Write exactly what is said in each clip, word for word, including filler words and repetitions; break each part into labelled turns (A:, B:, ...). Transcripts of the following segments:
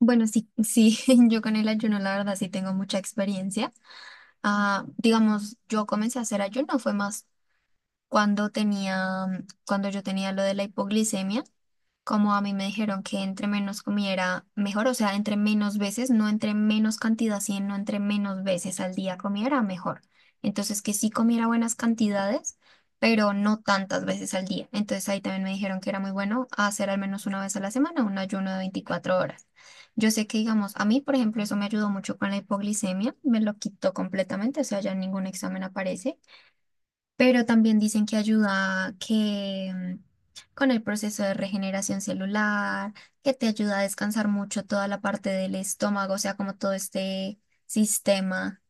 A: Bueno, sí, sí, yo con el ayuno, la verdad, sí tengo mucha experiencia. Ah, digamos, yo comencé a hacer ayuno, fue más cuando tenía, cuando yo tenía lo de la hipoglicemia. Como a mí me dijeron que entre menos comiera mejor, o sea, entre menos veces, no entre menos cantidad, sino entre menos veces al día comiera mejor. Entonces, que sí comiera buenas cantidades, pero no tantas veces al día. Entonces, ahí también me dijeron que era muy bueno hacer al menos una vez a la semana un ayuno de veinticuatro horas. Yo sé que, digamos, a mí, por ejemplo, eso me ayudó mucho con la hipoglicemia, me lo quitó completamente, o sea, ya en ningún examen aparece, pero también dicen que ayuda, que mm, con el proceso de regeneración celular, que te ayuda a descansar mucho toda la parte del estómago, o sea, como todo este sistema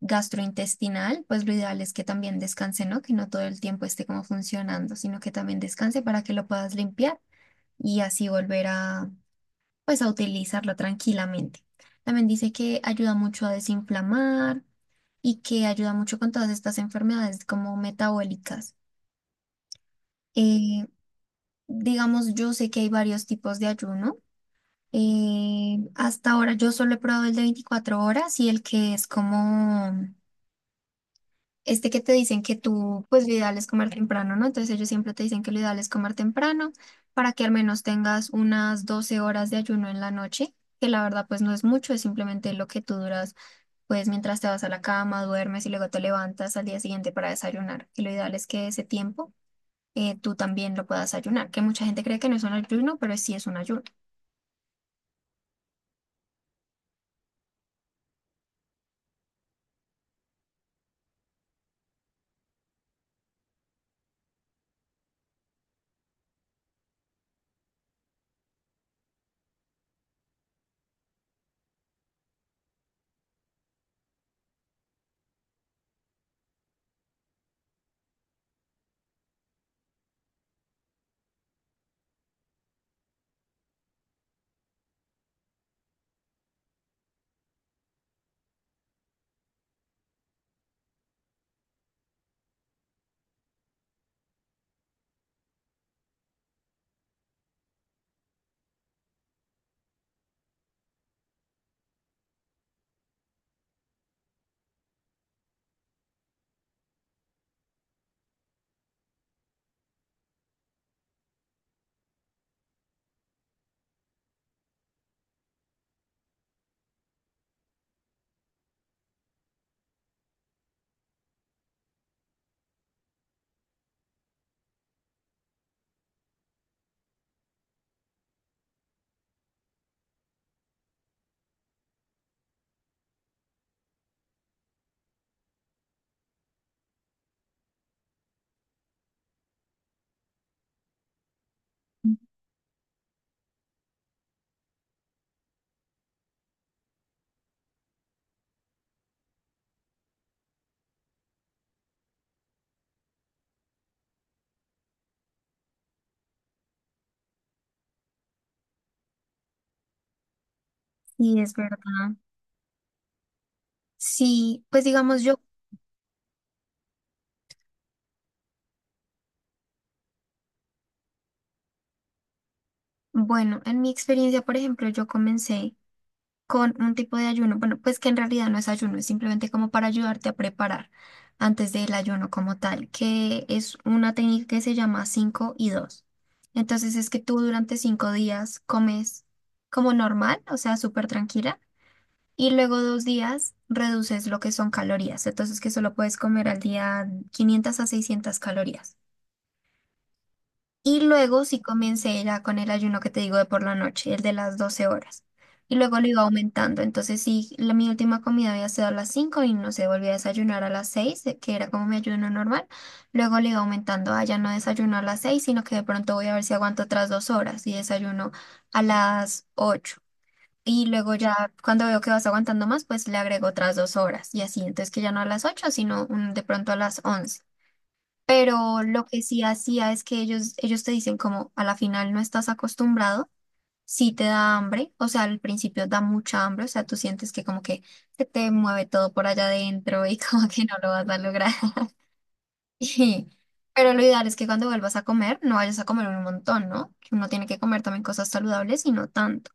A: gastrointestinal, pues lo ideal es que también descanse, ¿no? Que no todo el tiempo esté como funcionando, sino que también descanse para que lo puedas limpiar y así volver a, pues, a utilizarlo tranquilamente. También dice que ayuda mucho a desinflamar y que ayuda mucho con todas estas enfermedades como metabólicas. Eh, digamos, yo sé que hay varios tipos de ayuno. Eh, hasta ahora yo solo he probado el de veinticuatro horas y el que es como este, que te dicen que tú, pues lo ideal es comer temprano, ¿no? Entonces ellos siempre te dicen que lo ideal es comer temprano para que al menos tengas unas doce horas de ayuno en la noche, que la verdad pues no es mucho, es simplemente lo que tú duras, pues, mientras te vas a la cama, duermes y luego te levantas al día siguiente para desayunar, y lo ideal es que ese tiempo, eh, tú también lo puedas ayunar, que mucha gente cree que no es un ayuno, pero sí es un ayuno. Sí, es verdad. Sí, pues digamos, yo, bueno, en mi experiencia, por ejemplo, yo comencé con un tipo de ayuno, bueno, pues que en realidad no es ayuno, es simplemente como para ayudarte a preparar antes del ayuno como tal, que es una técnica que se llama cinco y dos. Entonces es que tú durante cinco días comes como normal, o sea, súper tranquila. Y luego dos días reduces lo que son calorías, entonces que solo puedes comer al día quinientos a seiscientos calorías. Y luego sí comencé ya con el ayuno que te digo de por la noche, el de las doce horas. Y luego lo iba aumentando, entonces sí, la, mi última comida había sido a las cinco y no sé, volví a desayunar a las seis, eh, que era como mi ayuno normal. Luego le iba aumentando, ah, ya no desayuno a las seis sino que de pronto voy a ver si aguanto otras dos horas y desayuno a las ocho, y luego ya cuando veo que vas aguantando más, pues le agrego otras dos horas y así. Entonces que ya no a las ocho sino, mm, de pronto a las once. Pero lo que sí hacía es que ellos, ellos te dicen como a la final no estás acostumbrado, sí te da hambre, o sea, al principio da mucha hambre, o sea, tú sientes que como que se te mueve todo por allá adentro y como que no lo vas a lograr. Y- Pero lo ideal es que cuando vuelvas a comer, no vayas a comer un montón, ¿no? Que uno tiene que comer también cosas saludables y no tanto.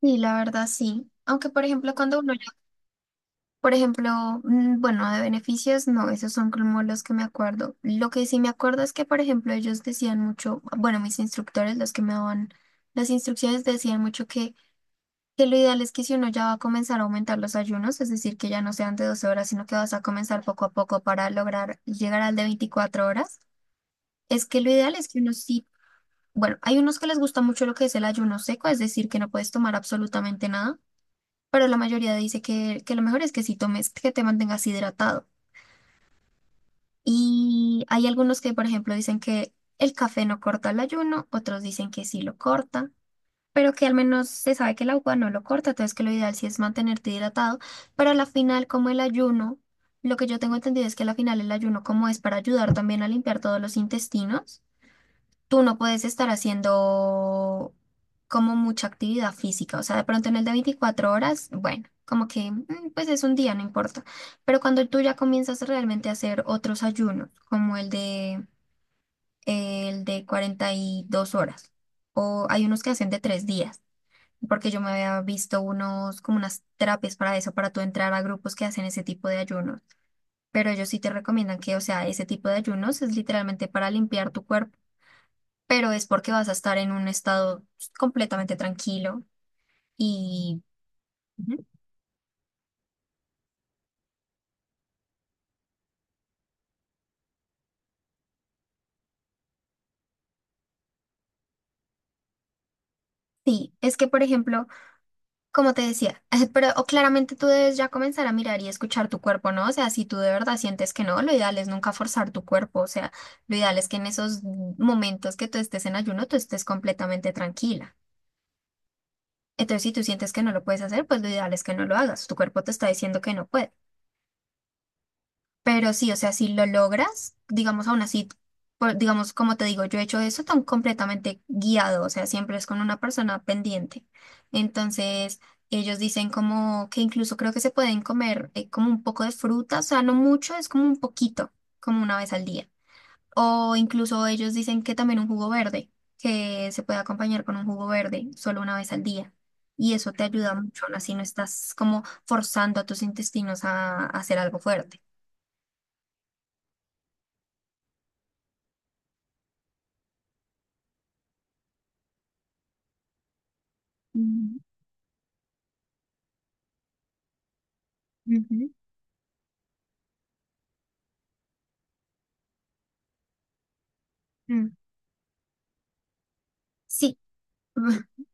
A: Sí, la verdad sí. Aunque, por ejemplo, cuando uno ya, por ejemplo, mm, bueno, de beneficios, no, esos son como los que me acuerdo. Lo que sí me acuerdo es que, por ejemplo, ellos decían mucho, bueno, mis instructores, los que me daban las instrucciones, decían mucho que, que lo ideal es que si uno ya va a comenzar a aumentar los ayunos, es decir, que ya no sean de doce horas, sino que vas a comenzar poco a poco para lograr llegar al de veinticuatro horas, es que lo ideal es que uno sí, bueno, hay unos que les gusta mucho lo que es el ayuno seco, es decir, que no puedes tomar absolutamente nada. Pero la mayoría dice que, que lo mejor es que si tomes, que te mantengas hidratado. Y hay algunos que, por ejemplo, dicen que el café no corta el ayuno, otros dicen que sí lo corta, pero que al menos se sabe que el agua no lo corta, entonces que lo ideal sí es mantenerte hidratado, pero a la final, como el ayuno, lo que yo tengo entendido es que a la final el ayuno, como es para ayudar también a limpiar todos los intestinos, tú no puedes estar haciendo como mucha actividad física. O sea, de pronto en el de veinticuatro horas, bueno, como que mm, pues es un día, no importa. Pero cuando tú ya comienzas realmente a hacer otros ayunos, como el de, el de cuarenta y dos horas, o hay unos que hacen de tres días. Porque yo me había visto unos, como unas terapias para eso, para tú entrar a grupos que hacen ese tipo de ayunos. Pero ellos sí te recomiendan que, o sea, ese tipo de ayunos es literalmente para limpiar tu cuerpo, pero es porque vas a estar en un estado completamente tranquilo. Y sí, es que, por ejemplo, como te decía, pero o claramente tú debes ya comenzar a mirar y escuchar tu cuerpo, ¿no? O sea, si tú de verdad sientes que no, lo ideal es nunca forzar tu cuerpo. O sea, lo ideal es que en esos momentos que tú estés en ayuno, tú estés completamente tranquila. Entonces, si tú sientes que no lo puedes hacer, pues lo ideal es que no lo hagas. Tu cuerpo te está diciendo que no puede. Pero sí, o sea, si lo logras, digamos, aún así, por- digamos, como te digo, yo he hecho eso tan completamente guiado, o sea, siempre es con una persona pendiente. Entonces, ellos dicen como que incluso creo que se pueden comer, eh, como un poco de fruta, o sea, no mucho, es como un poquito, como una vez al día. O incluso ellos dicen que también un jugo verde, que se puede acompañar con un jugo verde solo una vez al día. Y eso te ayuda mucho, aún así no estás como forzando a tus intestinos a a hacer algo fuerte. Ujú. Ujú, mm, sí.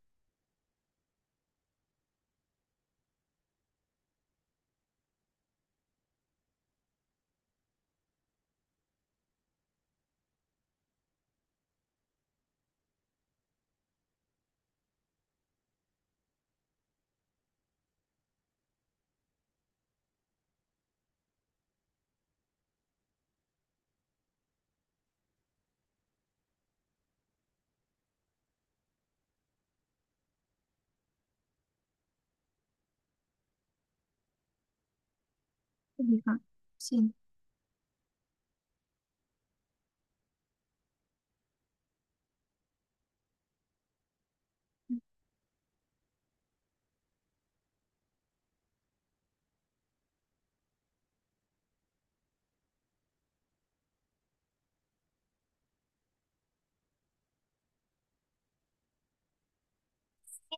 A: Ujú, sí.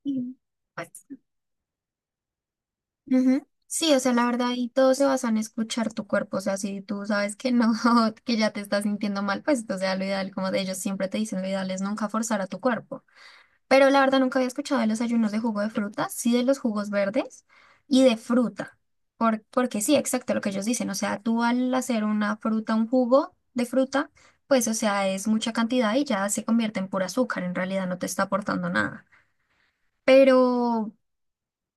A: Y, pues, ujú, sí, o sea, la verdad, y todo se basa en escuchar tu cuerpo, o sea, si tú sabes que no, que ya te estás sintiendo mal, pues, o sea, lo ideal, como de ellos siempre te dicen, lo ideal es nunca forzar a tu cuerpo. Pero la verdad nunca había escuchado de los ayunos de jugo de fruta, sí de los jugos verdes y de fruta. Por- porque sí, exacto lo que ellos dicen. O sea, tú al hacer una fruta, un jugo de fruta, pues o sea, es mucha cantidad y ya se convierte en pura azúcar. En realidad no te está aportando nada. Pero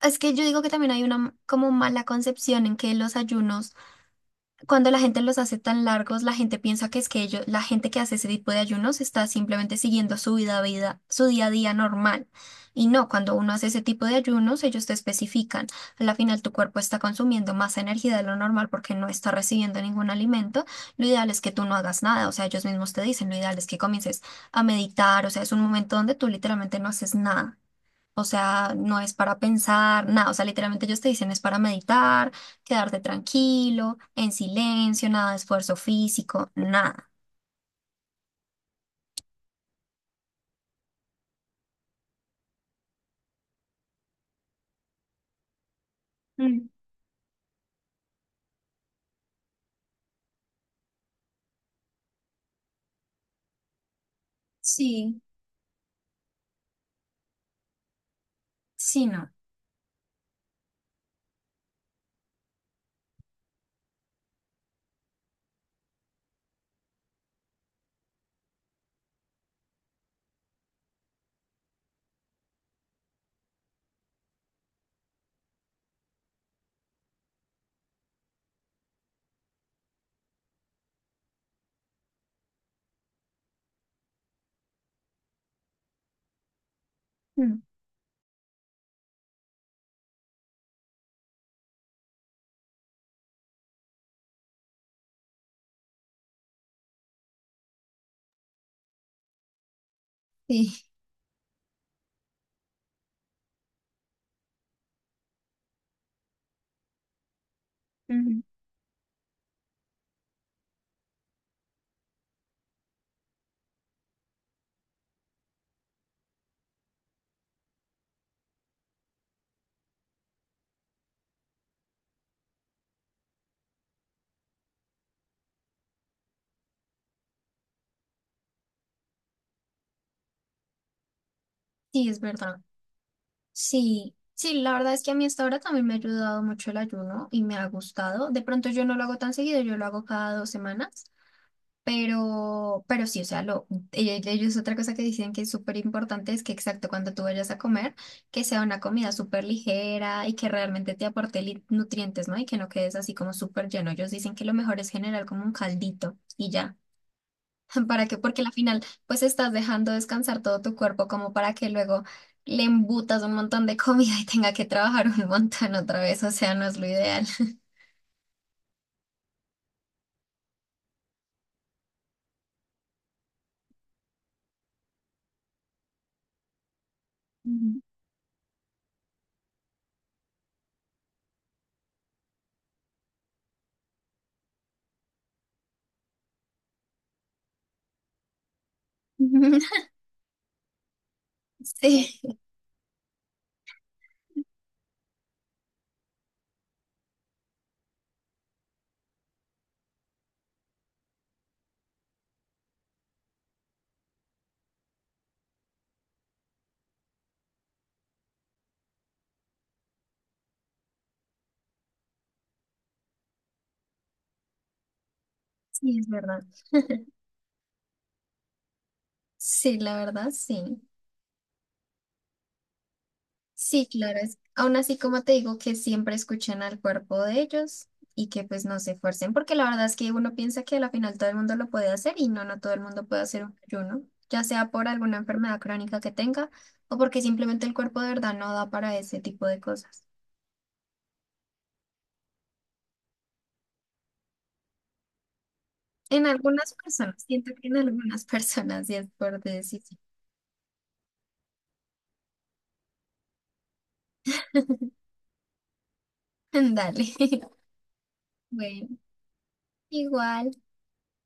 A: es que yo digo que también hay una como mala concepción en que los ayunos, cuando la gente los hace tan largos, la gente piensa que es que ellos, la gente que hace ese tipo de ayunos, está simplemente siguiendo su vida, vida, su día a día normal. Y no, cuando uno hace ese tipo de ayunos, ellos te especifican. A la final, tu cuerpo está consumiendo más energía de lo normal porque no está recibiendo ningún alimento. Lo ideal es que tú no hagas nada. O sea, ellos mismos te dicen, lo ideal es que comiences a meditar. O sea, es un momento donde tú literalmente no haces nada. O sea, no es para pensar nada. O sea, literalmente ellos te dicen es para meditar, quedarte tranquilo, en silencio, nada de esfuerzo físico, nada. Mm. Sí, sí, no. Mm. Sí, ujú. Sí, es verdad. Sí, sí, la verdad es que a mí hasta ahora también me ha ayudado mucho el ayuno y me ha gustado. De pronto yo no lo hago tan seguido, yo lo hago cada dos semanas. Pero, pero sí, o sea, lo, e- ellos otra cosa que dicen que es súper importante es que exacto, cuando tú vayas a comer, que sea una comida súper ligera y que realmente te aporte li- nutrientes, ¿no? Y que no quedes así como súper lleno. Ellos dicen que lo mejor es generar como un caldito y ya. ¿Para qué? Porque al final, pues estás dejando descansar todo tu cuerpo como para que luego le embutas un montón de comida y tenga que trabajar un montón otra vez. O sea, no es lo ideal. Ujú. Sí, sí, es verdad. Sí, la verdad, sí. Sí, claro, es, aún así como te digo que siempre escuchen al cuerpo de ellos, y que pues no se esfuercen, porque la verdad es que uno piensa que a la final todo el mundo lo puede hacer y no, no todo el mundo puede hacer un ayuno, ya sea por alguna enfermedad crónica que tenga o porque simplemente el cuerpo de verdad no da para ese tipo de cosas. En algunas personas, siento que en algunas personas sí es por decisión. Dale. Bueno, igual.